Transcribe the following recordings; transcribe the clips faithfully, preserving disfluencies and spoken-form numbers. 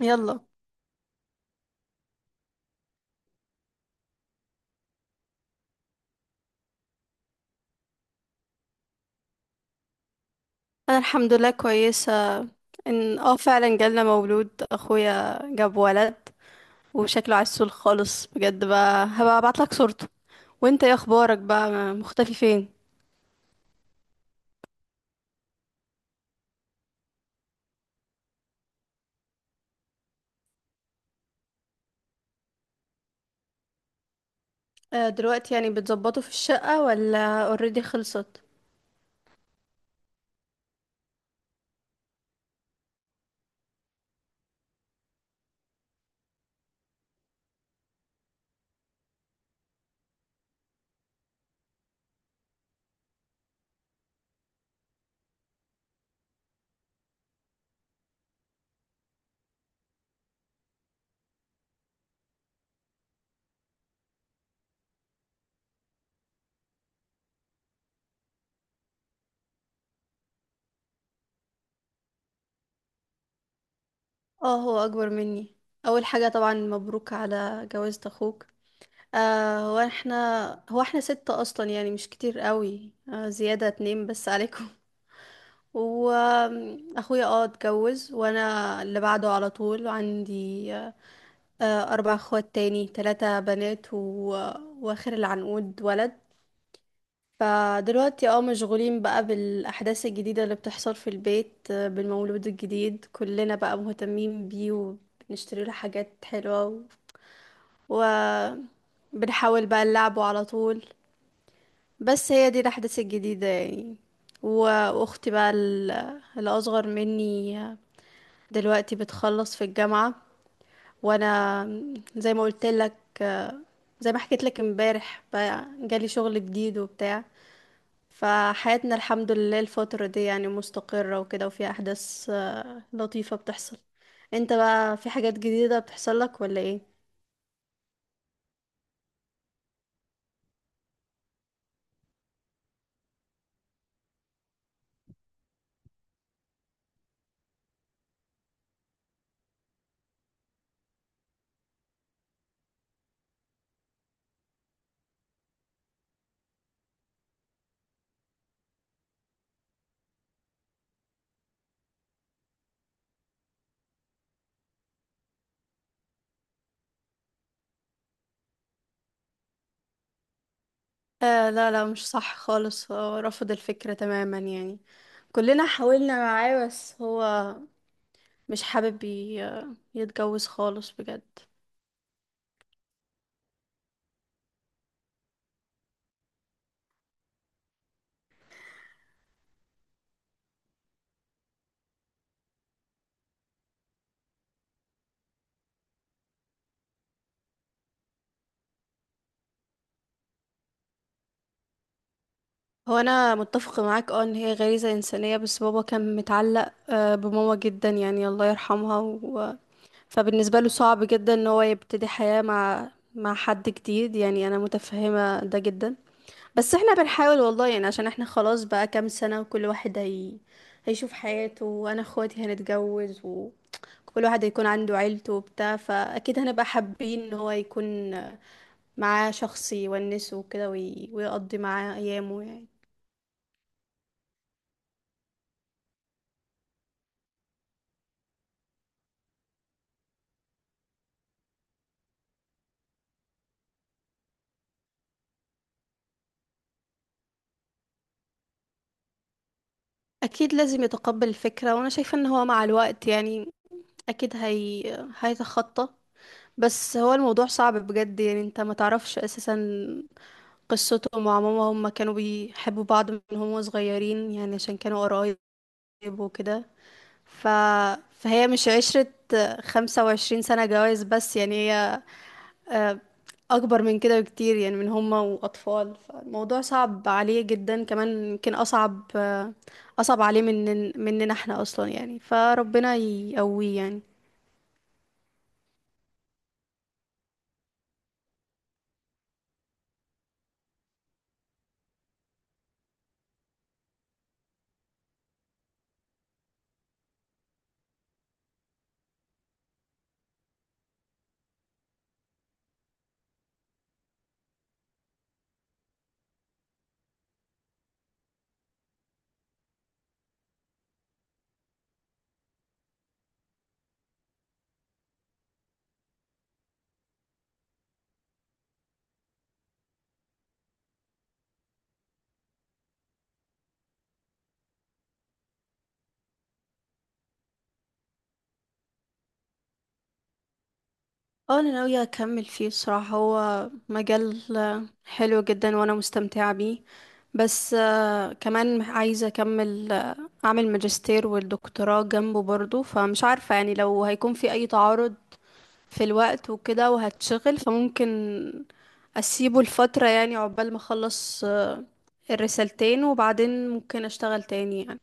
يلا. انا الحمد لله كويسه. ان اه فعلا جالنا مولود، اخويا جاب ولد وشكله عسول خالص بجد. بقى هبقى ابعتلك صورته. وانت ايه اخبارك بقى، مختفي فين؟ آه دلوقتي يعني بتظبطوا في الشقه ولا اوريدي خلصت؟ اه، هو اكبر مني. اول حاجه طبعا مبروك على جوازة اخوك. آه هو احنا هو احنا ستة اصلا يعني، مش كتير قوي، آه زياده اتنين بس عليكم. واخويا اه اتجوز، وانا اللي بعده على طول، عندي آه، اربع اخوات تاني، ثلاثة بنات و... واخر العنقود ولد. فدلوقتي اه مشغولين بقى بالاحداث الجديدة اللي بتحصل في البيت، آه، بالمولود الجديد كلنا بقى مهتمين بيه وبنشتري له حاجات حلوة، و... وبنحاول بقى نلعبه على طول. بس هي دي الاحداث الجديدة يعني. و- واختي بقى ال- الاصغر مني دلوقتي بتخلص في الجامعة. وانا زي ما قلت لك آه، زي ما حكيت لك امبارح بقى جالي شغل جديد وبتاع. فحياتنا الحمد لله الفترة دي يعني مستقرة وكده، وفي احداث آه، لطيفة بتحصل. انت بقى في حاجات جديدة بتحصل لك ولا ايه؟ آه لا لا، مش صح خالص، هو رفض الفكرة تماما يعني. كلنا حاولنا معاه بس هو مش حابب ي- يتجوز خالص بجد. هو انا متفقه معاك اه ان هي غريزه انسانيه، بس بابا كان متعلق آه، بماما جدا يعني، الله يرحمها و... فبالنسبه له صعب جدا ان هو يبتدي حياه مع مع حد جديد يعني، انا متفهمه ده جدا. بس احنا بنحاول والله يعني، عشان احنا خلاص بقى كام سنه وكل واحد هي... هيشوف حياته، وانا اخواتي هنتجوز وكل واحد هيكون عنده عيلته وبتاع، فاكيد هنبقى حابين ان هو يكون معاه شخص يونسه وكده وي... ويقضي معاه ايامه يعني. اكيد لازم يتقبل الفكرة، وانا شايفة ان هو مع الوقت يعني اكيد هي هيتخطى. بس هو الموضوع صعب بجد يعني، انت ما تعرفش اساسا قصته مع ماما. هما كانوا بيحبوا بعض من هما صغيرين يعني، عشان كانوا قرايب وكده ف... فهي مش عشرة، خمسة وعشرين سنة جواز بس يعني. هي آه، اكبر من كده بكتير يعني، من هما واطفال. فالموضوع صعب عليه جدا، كمان يمكن اصعب آه، اصعب عليه من مننا احنا اصلا يعني، فربنا يقويه يعني. اه انا ناوية اكمل فيه الصراحة، هو مجال آه، حلو جدا وانا مستمتعة بيه. بس آه، كمان عايزة اكمل، آه، اعمل ماجستير والدكتوراه جنبه برضو، فمش عارفة يعني لو هيكون في اي تعارض في الوقت وكده وهتشغل، فممكن اسيبه لفترة يعني، عقبال ما اخلص آه، الرسالتين، وبعدين ممكن اشتغل تاني يعني.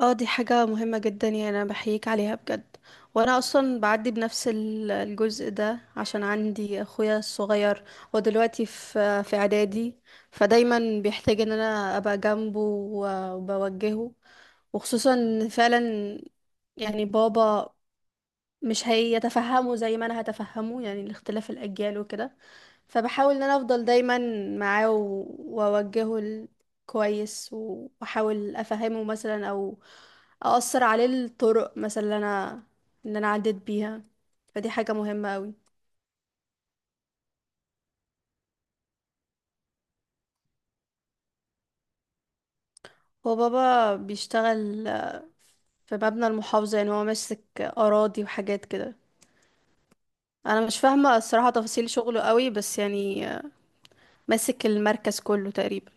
اه، دي حاجة مهمة جدا يعني، انا بحييك عليها بجد. وانا اصلا بعدي بنفس ال- الجزء ده، عشان عندي اخويا الصغير هو دلوقتي في في اعدادي، فدايما بيحتاج ان انا ابقى جنبه و- وبوجهه، وخصوصا إن فعلا يعني بابا مش هيتفهموا زي ما انا هتفهمه يعني، الاختلاف الاجيال وكده. فبحاول ان انا افضل دايما معاه، و- واوجهه ال- كويس، و- واحاول افهمه مثلا، او اقصر عليه الطرق مثلا اللي انا ان انا عديت بيها. فدي حاجة مهمة قوي. هو بابا بيشتغل آه، في مبنى المحافظة، يعني هو ماسك اراضي وحاجات كده. انا مش فاهمة الصراحة تفاصيل شغله قوي، بس يعني آه، ماسك المركز كله تقريبا.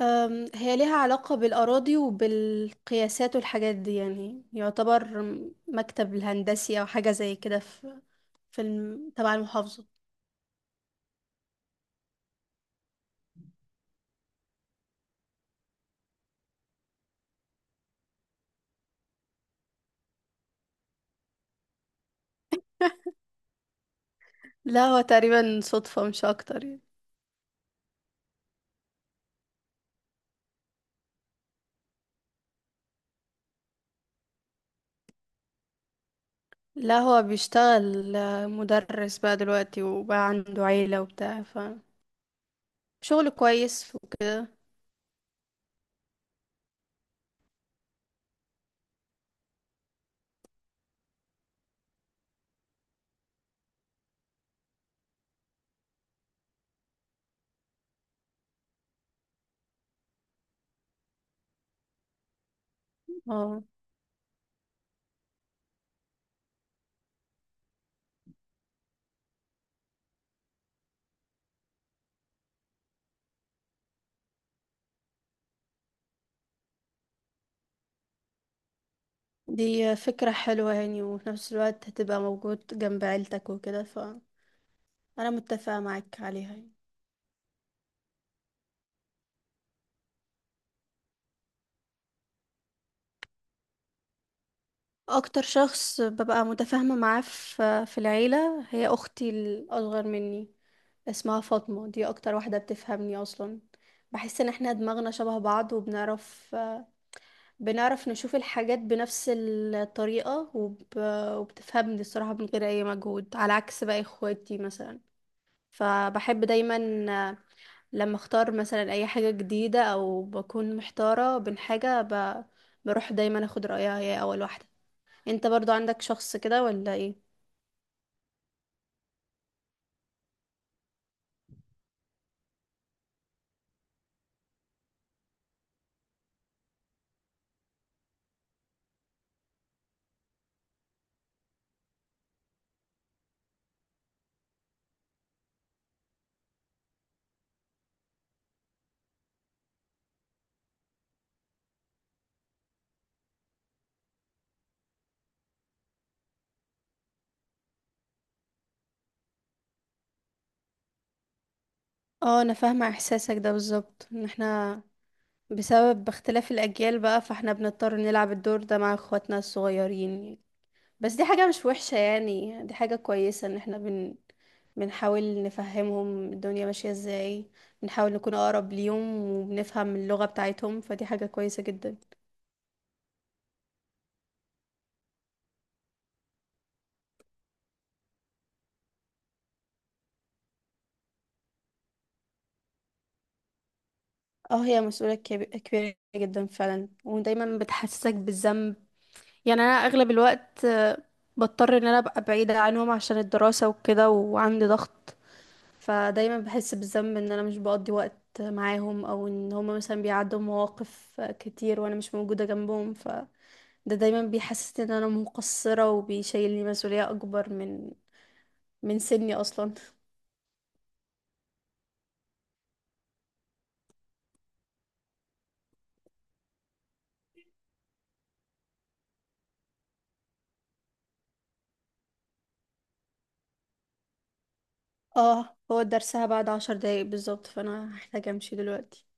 أم، هي ليها علاقة بالأراضي وبالقياسات والحاجات دي، يعني يعتبر مكتب الهندسي أو حاجة زي كده في في الم- تبع المحافظة. لا هو تقريبا صدفة، مش أكتر يعني. لا هو بيشتغل مدرس بقى دلوقتي، وبقى عنده عيلة وبتاع، فشغل كويس. اه دي فكرة حلوة يعني، وفي نفس الوقت هتبقى موجود جنب عيلتك وكده، فأنا متفقة معاك عليها يعني. اكتر شخص ببقى متفاهمة معاه في في العيلة هي اختي الاصغر مني، اسمها فاطمة. دي اكتر واحدة بتفهمني اصلا، بحس ان احنا دماغنا شبه بعض، وبنعرف بنعرف نشوف الحاجات بنفس الطريقة، وب... وبتفهمني الصراحة من غير اي مجهود، على عكس باقي اخواتي مثلا. فبحب دايما لما اختار مثلا اي حاجة جديدة او بكون محتارة بين حاجة ب... بروح دايما اخد رأيها هي اول واحدة. انت برضو عندك شخص كده ولا ايه؟ اه، انا فاهمة احساسك ده بالظبط، ان احنا بسبب اختلاف الاجيال بقى، فاحنا بنضطر نلعب الدور ده مع اخواتنا الصغيرين. بس دي حاجة مش وحشة يعني، دي حاجة كويسة ان احنا بن... بنحاول نفهمهم الدنيا ماشية ازاي، بنحاول نكون اقرب ليهم وبنفهم اللغة بتاعتهم، فدي حاجة كويسة جدا. اه، هي مسؤولية كب- كبيرة جدا فعلا، ودايما بتحسسك بالذنب يعني. انا اغلب الوقت آه، بضطر ان انا ابقى بعيدة عنهم عشان الدراسة وكده، وعندي ضغط. فدايما بحس بالذنب ان انا مش بقضي وقت معاهم، او ان هما مثلا بيعدوا مواقف كتير وانا مش موجودة جنبهم. فده دايما بيحسسني ان انا مقصرة، وبيشيلني مسؤولية اكبر من من سني اصلا. اه، هو درسها بعد عشر دقايق بالظبط، فانا هحتاج امشي دلوقتي.